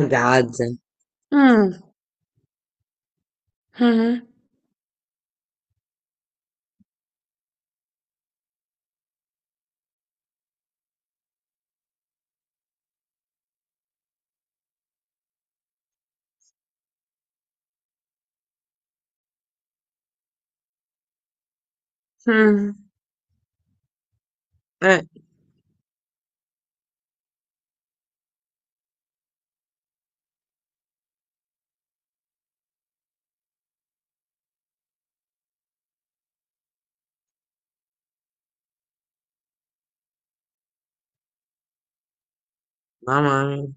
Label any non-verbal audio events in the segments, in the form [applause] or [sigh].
A Gaza. Mm. Mhm. Mm. Mamma mia.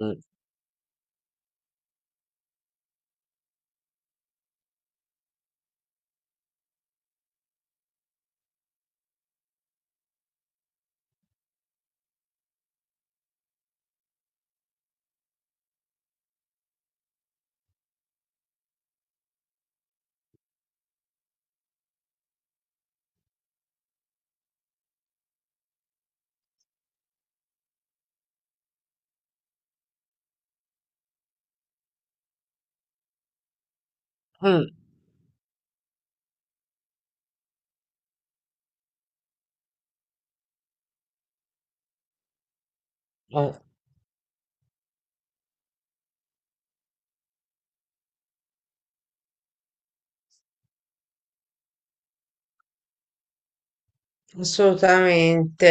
Mm. Mm. eh, Assolutamente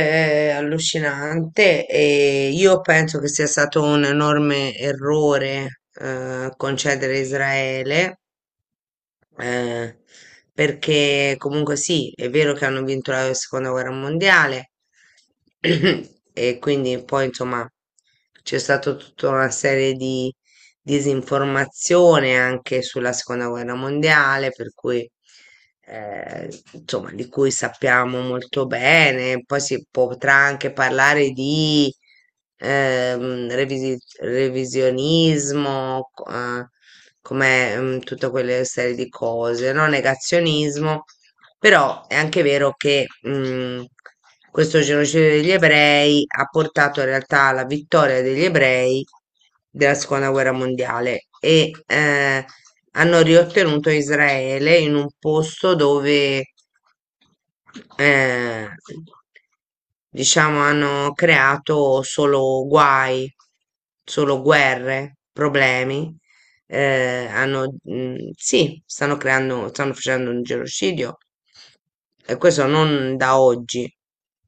allucinante e io penso che sia stato un enorme errore concedere a Israele, eh, perché comunque sì, è vero che hanno vinto la seconda guerra mondiale. [clears throat] E quindi poi insomma c'è stata tutta una serie di disinformazione anche sulla seconda guerra mondiale, per cui insomma, di cui sappiamo molto bene, poi si potrà anche parlare di revisionismo, come, tutte quelle serie di cose, no? Negazionismo. Però è anche vero che, questo genocidio degli ebrei ha portato in realtà alla vittoria degli ebrei della seconda guerra mondiale, e hanno riottenuto Israele in un posto dove, eh, diciamo, hanno creato solo guai, solo guerre, problemi. Hanno, sì, stanno creando, stanno facendo un genocidio, e questo non da oggi,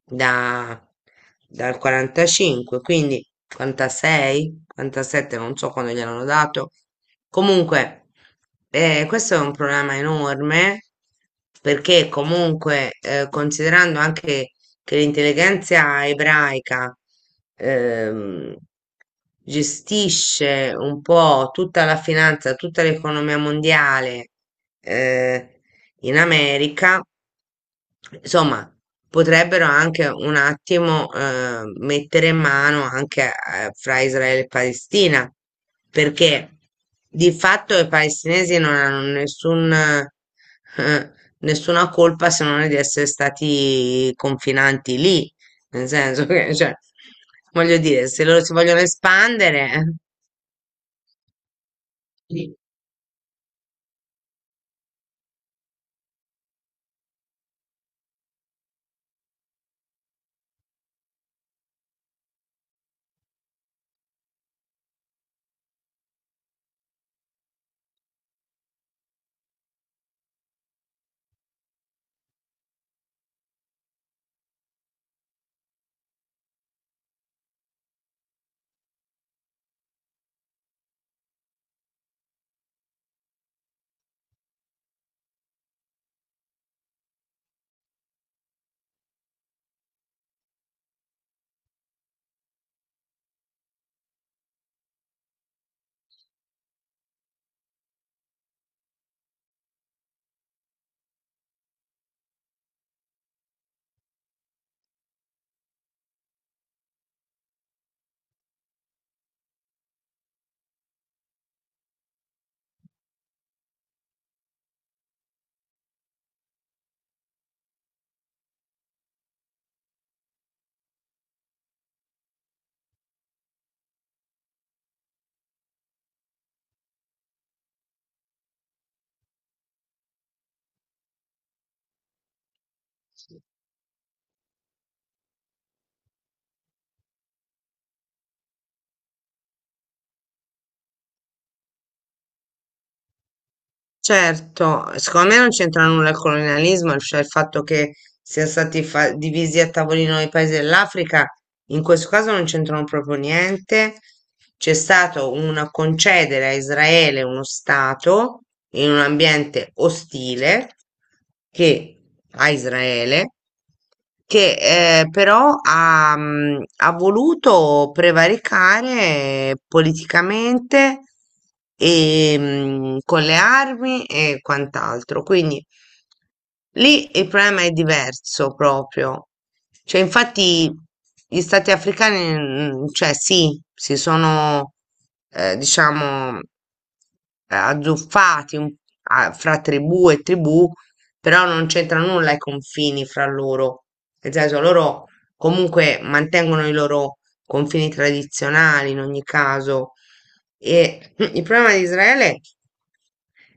da, dal 45, quindi 46, 47, non so quando gliel'hanno dato. Comunque, questo è un problema enorme, perché comunque, considerando anche che l'intelligenza ebraica ehm, gestisce un po' tutta la finanza, tutta l'economia mondiale, eh, in America, insomma, potrebbero anche un attimo mettere mano anche fra Israele e Palestina, perché di fatto i palestinesi non hanno nessun, eh, nessuna colpa, se non di essere stati confinanti lì, nel senso che, cioè, voglio dire, se loro si vogliono espandere. eh, Certo, secondo me non c'entra nulla il colonialismo, cioè il fatto che siano stati divisi a tavolino i paesi dell'Africa, in questo caso non c'entrano proprio niente. C'è stato un concedere a Israele uno Stato in un ambiente ostile, che a Israele, che però ha, ha voluto prevaricare politicamente e, con le armi e quant'altro. Quindi lì il problema è diverso proprio. Cioè, infatti, gli stati africani, cioè sì, si sono, diciamo, azzuffati fra tribù e tribù, però non c'entra nulla i confini fra loro, nel senso loro comunque mantengono i loro confini tradizionali in ogni caso. E [clears throat] il problema di Israele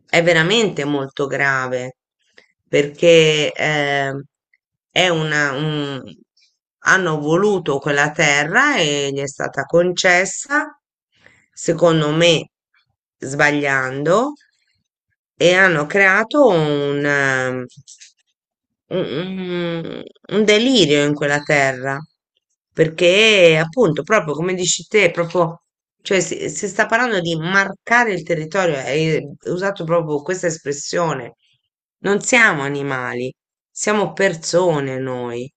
è veramente molto grave, perché è una, un- hanno voluto quella terra e gli è stata concessa, secondo me sbagliando, e hanno creato un, un un delirio in quella terra, perché appunto, proprio come dici te, proprio, cioè si sta parlando di marcare il territorio, hai usato proprio questa espressione. Non siamo animali, siamo persone noi.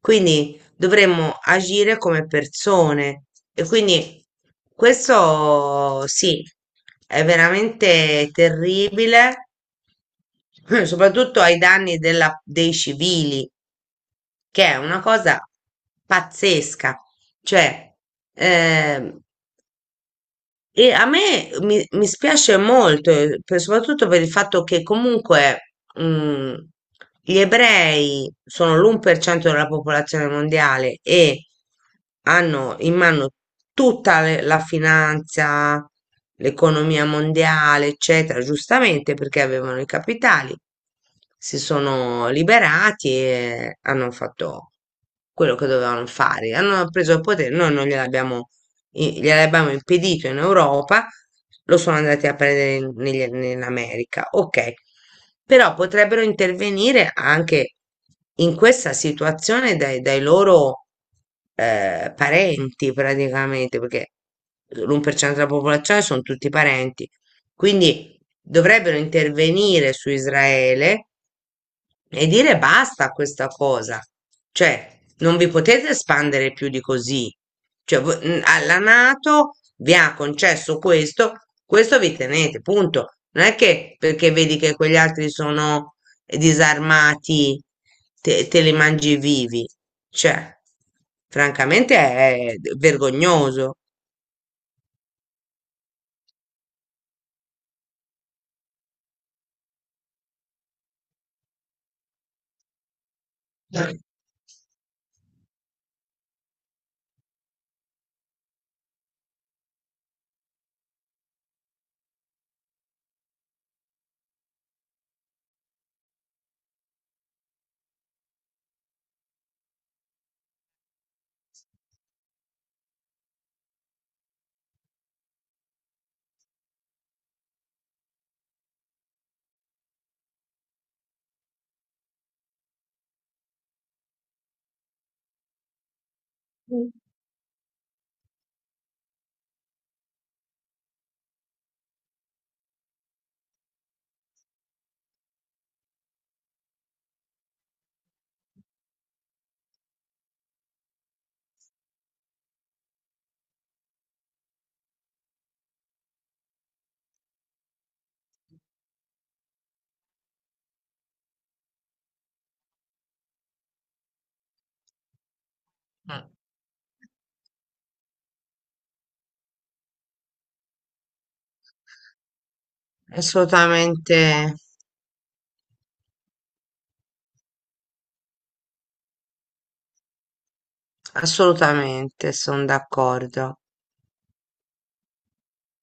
Quindi dovremmo agire come persone. E quindi questo sì, è veramente terribile, [clears throat] soprattutto ai danni dei civili, che è una cosa pazzesca. Cioè, ehm, e a me mi spiace molto, soprattutto per il fatto che comunque, gli ebrei sono l'1% della popolazione mondiale e hanno in mano tutta la finanza, l'economia mondiale, eccetera, giustamente perché avevano i capitali, si sono liberati e hanno fatto quello che dovevano fare, hanno preso il potere. Noi non gliel'abbiamo, gliel'abbiamo impedito in Europa, lo sono andati a prendere in, in America. Ok, però potrebbero intervenire anche in questa situazione, dai loro parenti praticamente, perché l'1% della popolazione sono tutti parenti. Quindi dovrebbero intervenire su Israele e dire basta a questa cosa. Cioè, non vi potete espandere più di così. Cioè, alla NATO vi ha concesso questo, questo vi tenete, punto. Non è che perché vedi che quegli altri sono disarmati, te li mangi vivi. Cioè, francamente è vergognoso. Mm. Assolutamente. Assolutamente, sono d'accordo.